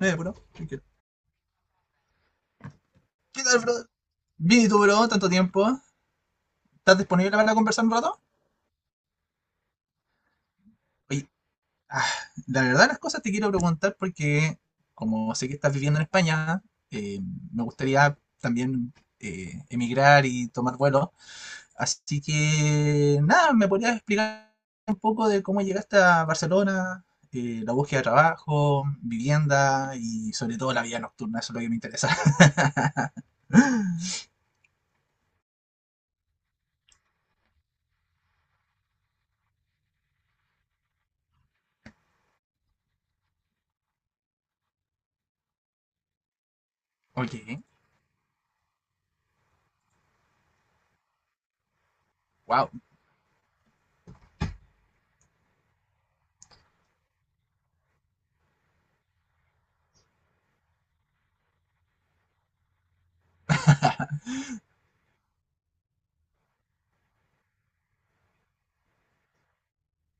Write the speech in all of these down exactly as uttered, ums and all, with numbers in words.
Eh, bro, tranquilo. ¿Qué tal, brother? Bien, ¿y tú, bro? Tanto tiempo. ¿Estás disponible para conversar un rato? Oye, ah, la verdad las cosas te quiero preguntar porque, como sé que estás viviendo en España, eh, me gustaría también eh, emigrar y tomar vuelo. Así que, nada, ¿me podrías explicar un poco de cómo llegaste a Barcelona? Eh, la búsqueda de trabajo, vivienda y sobre todo la vida nocturna, eso es lo que me interesa. Ok, wow,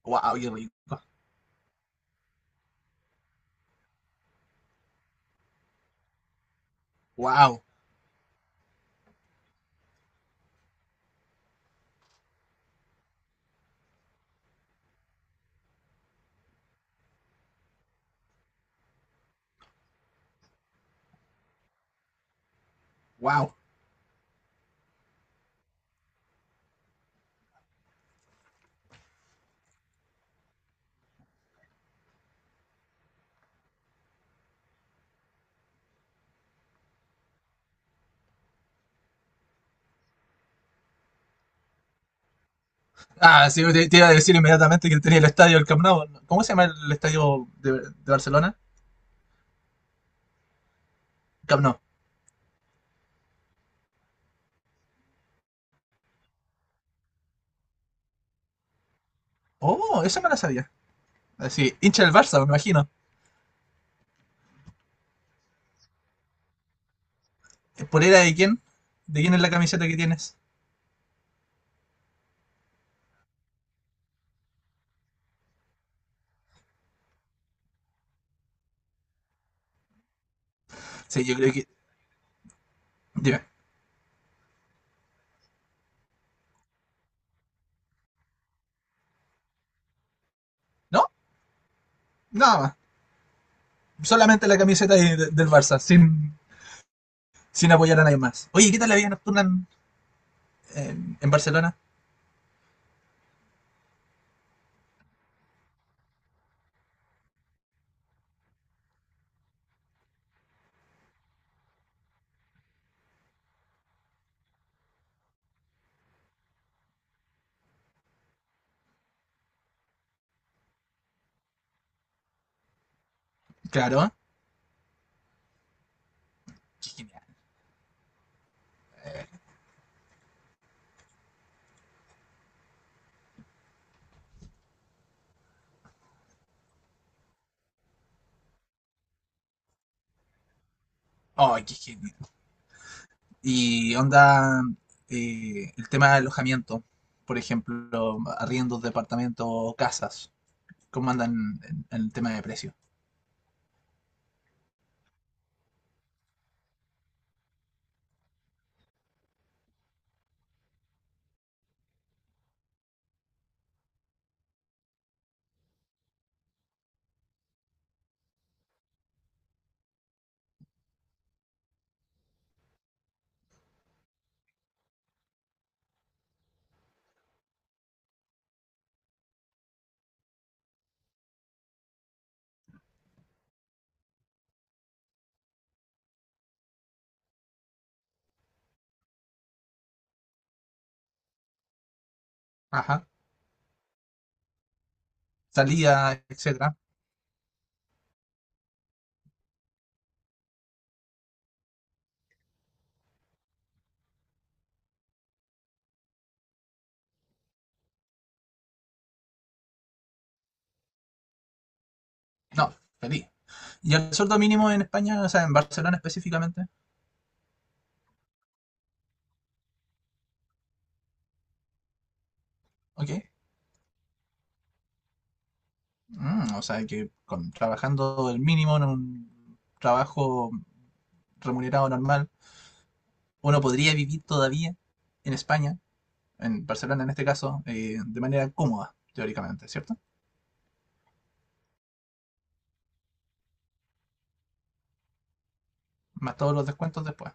wow, qué rico, wow, wow. Ah, sí, te, te iba a decir inmediatamente que tenía el estadio, el Camp Nou. ¿Cómo se llama el estadio de, de Barcelona? Camp Nou. Oh, esa me la sabía. Así, hincha del Barça, me imagino. ¿Polera de quién? ¿De quién es la camiseta que tienes? Sí, yo creo que... Dime. ¿No? Nada más. Solamente la camiseta de- de- del Barça, sin, sin apoyar a nadie más. Oye, ¿qué tal la vida nocturna en, en- en Barcelona? Claro. Qué genial. Oh, qué genial. Y onda, eh, el tema de alojamiento, por ejemplo, arriendos, departamentos, casas, cómo andan en, en el tema de precio. Ajá. Salida, etcétera. No, feliz. ¿Y el sueldo mínimo en España, o sea, en Barcelona específicamente? Ok. Mm, o sea, que con- trabajando el mínimo en un trabajo remunerado normal, uno podría vivir todavía en España, en Barcelona en este caso, eh, de manera cómoda, teóricamente, ¿cierto? Más todos los descuentos después.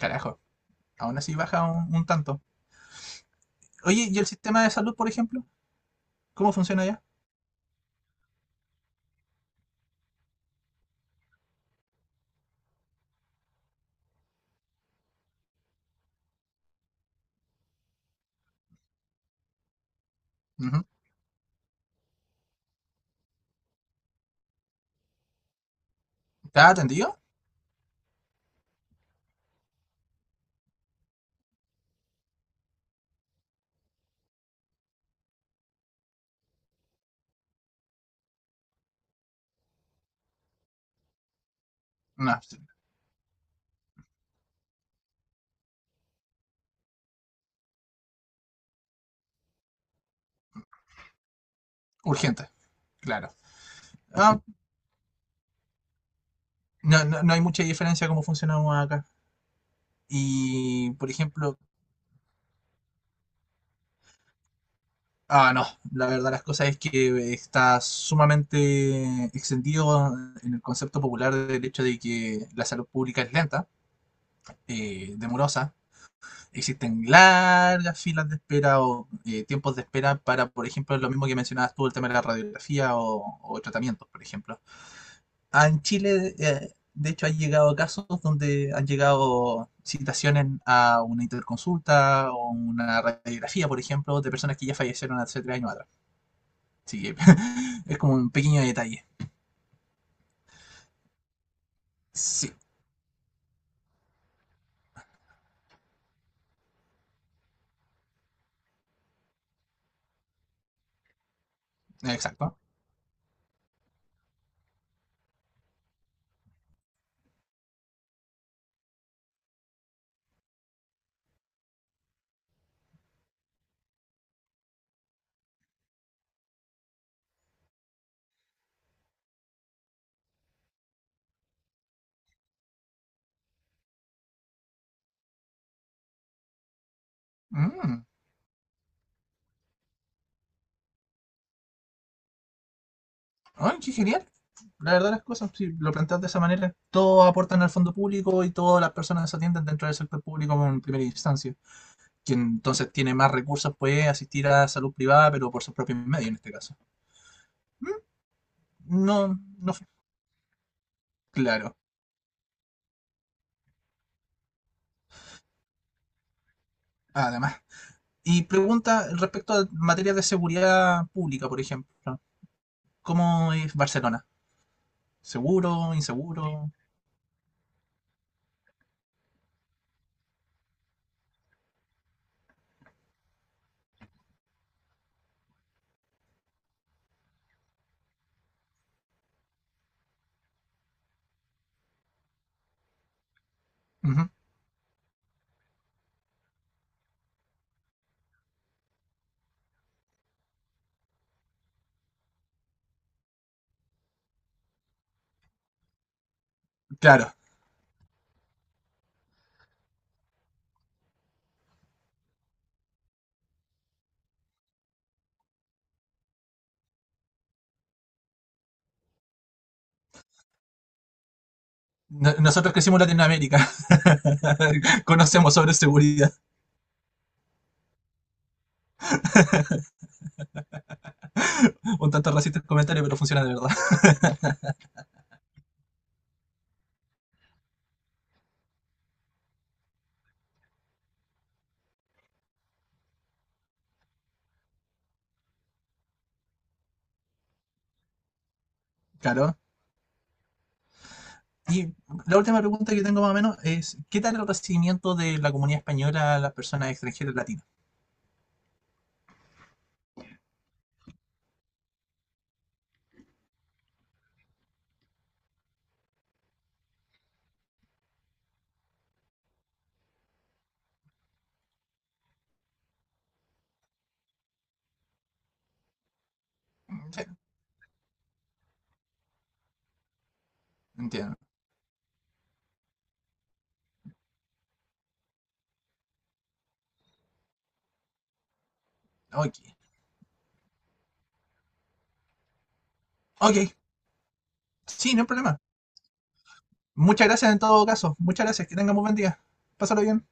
Carajo, aún así baja un, un tanto. Oye, ¿y el sistema de salud, por ejemplo? ¿Cómo funciona allá? Ujú. ¿Está atendido? No, sí. Urgente, claro. Ah, no, no, no hay mucha diferencia cómo funcionamos acá. Y, por ejemplo, ah, no, la verdad las cosas es que está sumamente extendido en el concepto popular del hecho de que la salud pública es lenta, eh, demorosa, existen largas filas de espera o eh, tiempos de espera para, por ejemplo, lo mismo que mencionabas tú, el tema de la radiografía o, o tratamientos, por ejemplo. Ah, en Chile, eh, de hecho, han llegado casos donde han llegado citaciones a una interconsulta o una radiografía, por ejemplo, de personas que ya fallecieron hace tres años atrás. Así que es como un pequeño detalle. Sí, exacto. Mm. ¡Ay, qué genial! La verdad las cosas, si lo planteas de esa manera, todos aportan al fondo público y todas las personas se atienden dentro del sector público en primera instancia. Quien entonces tiene más recursos puede asistir a la salud privada, pero por sus propios medios en este caso. ¿Mm? No, no, claro. Además. Y pregunta respecto a materias de seguridad pública, por ejemplo. ¿Cómo es Barcelona? ¿Seguro? ¿Inseguro? Ujú, claro. No- Nosotros crecimos en Latinoamérica. Conocemos sobre seguridad. Un tanto racista el comentario, pero funciona de verdad. Claro. Y la última pregunta que tengo más o menos es, ¿qué tal el recibimiento de la comunidad española a las personas extranjeras latinas? Mm, sí, entiendo. Ok. Ok, sí, no hay problema. Muchas gracias en todo caso. Muchas gracias. Que tengan muy buen día. Pásalo bien.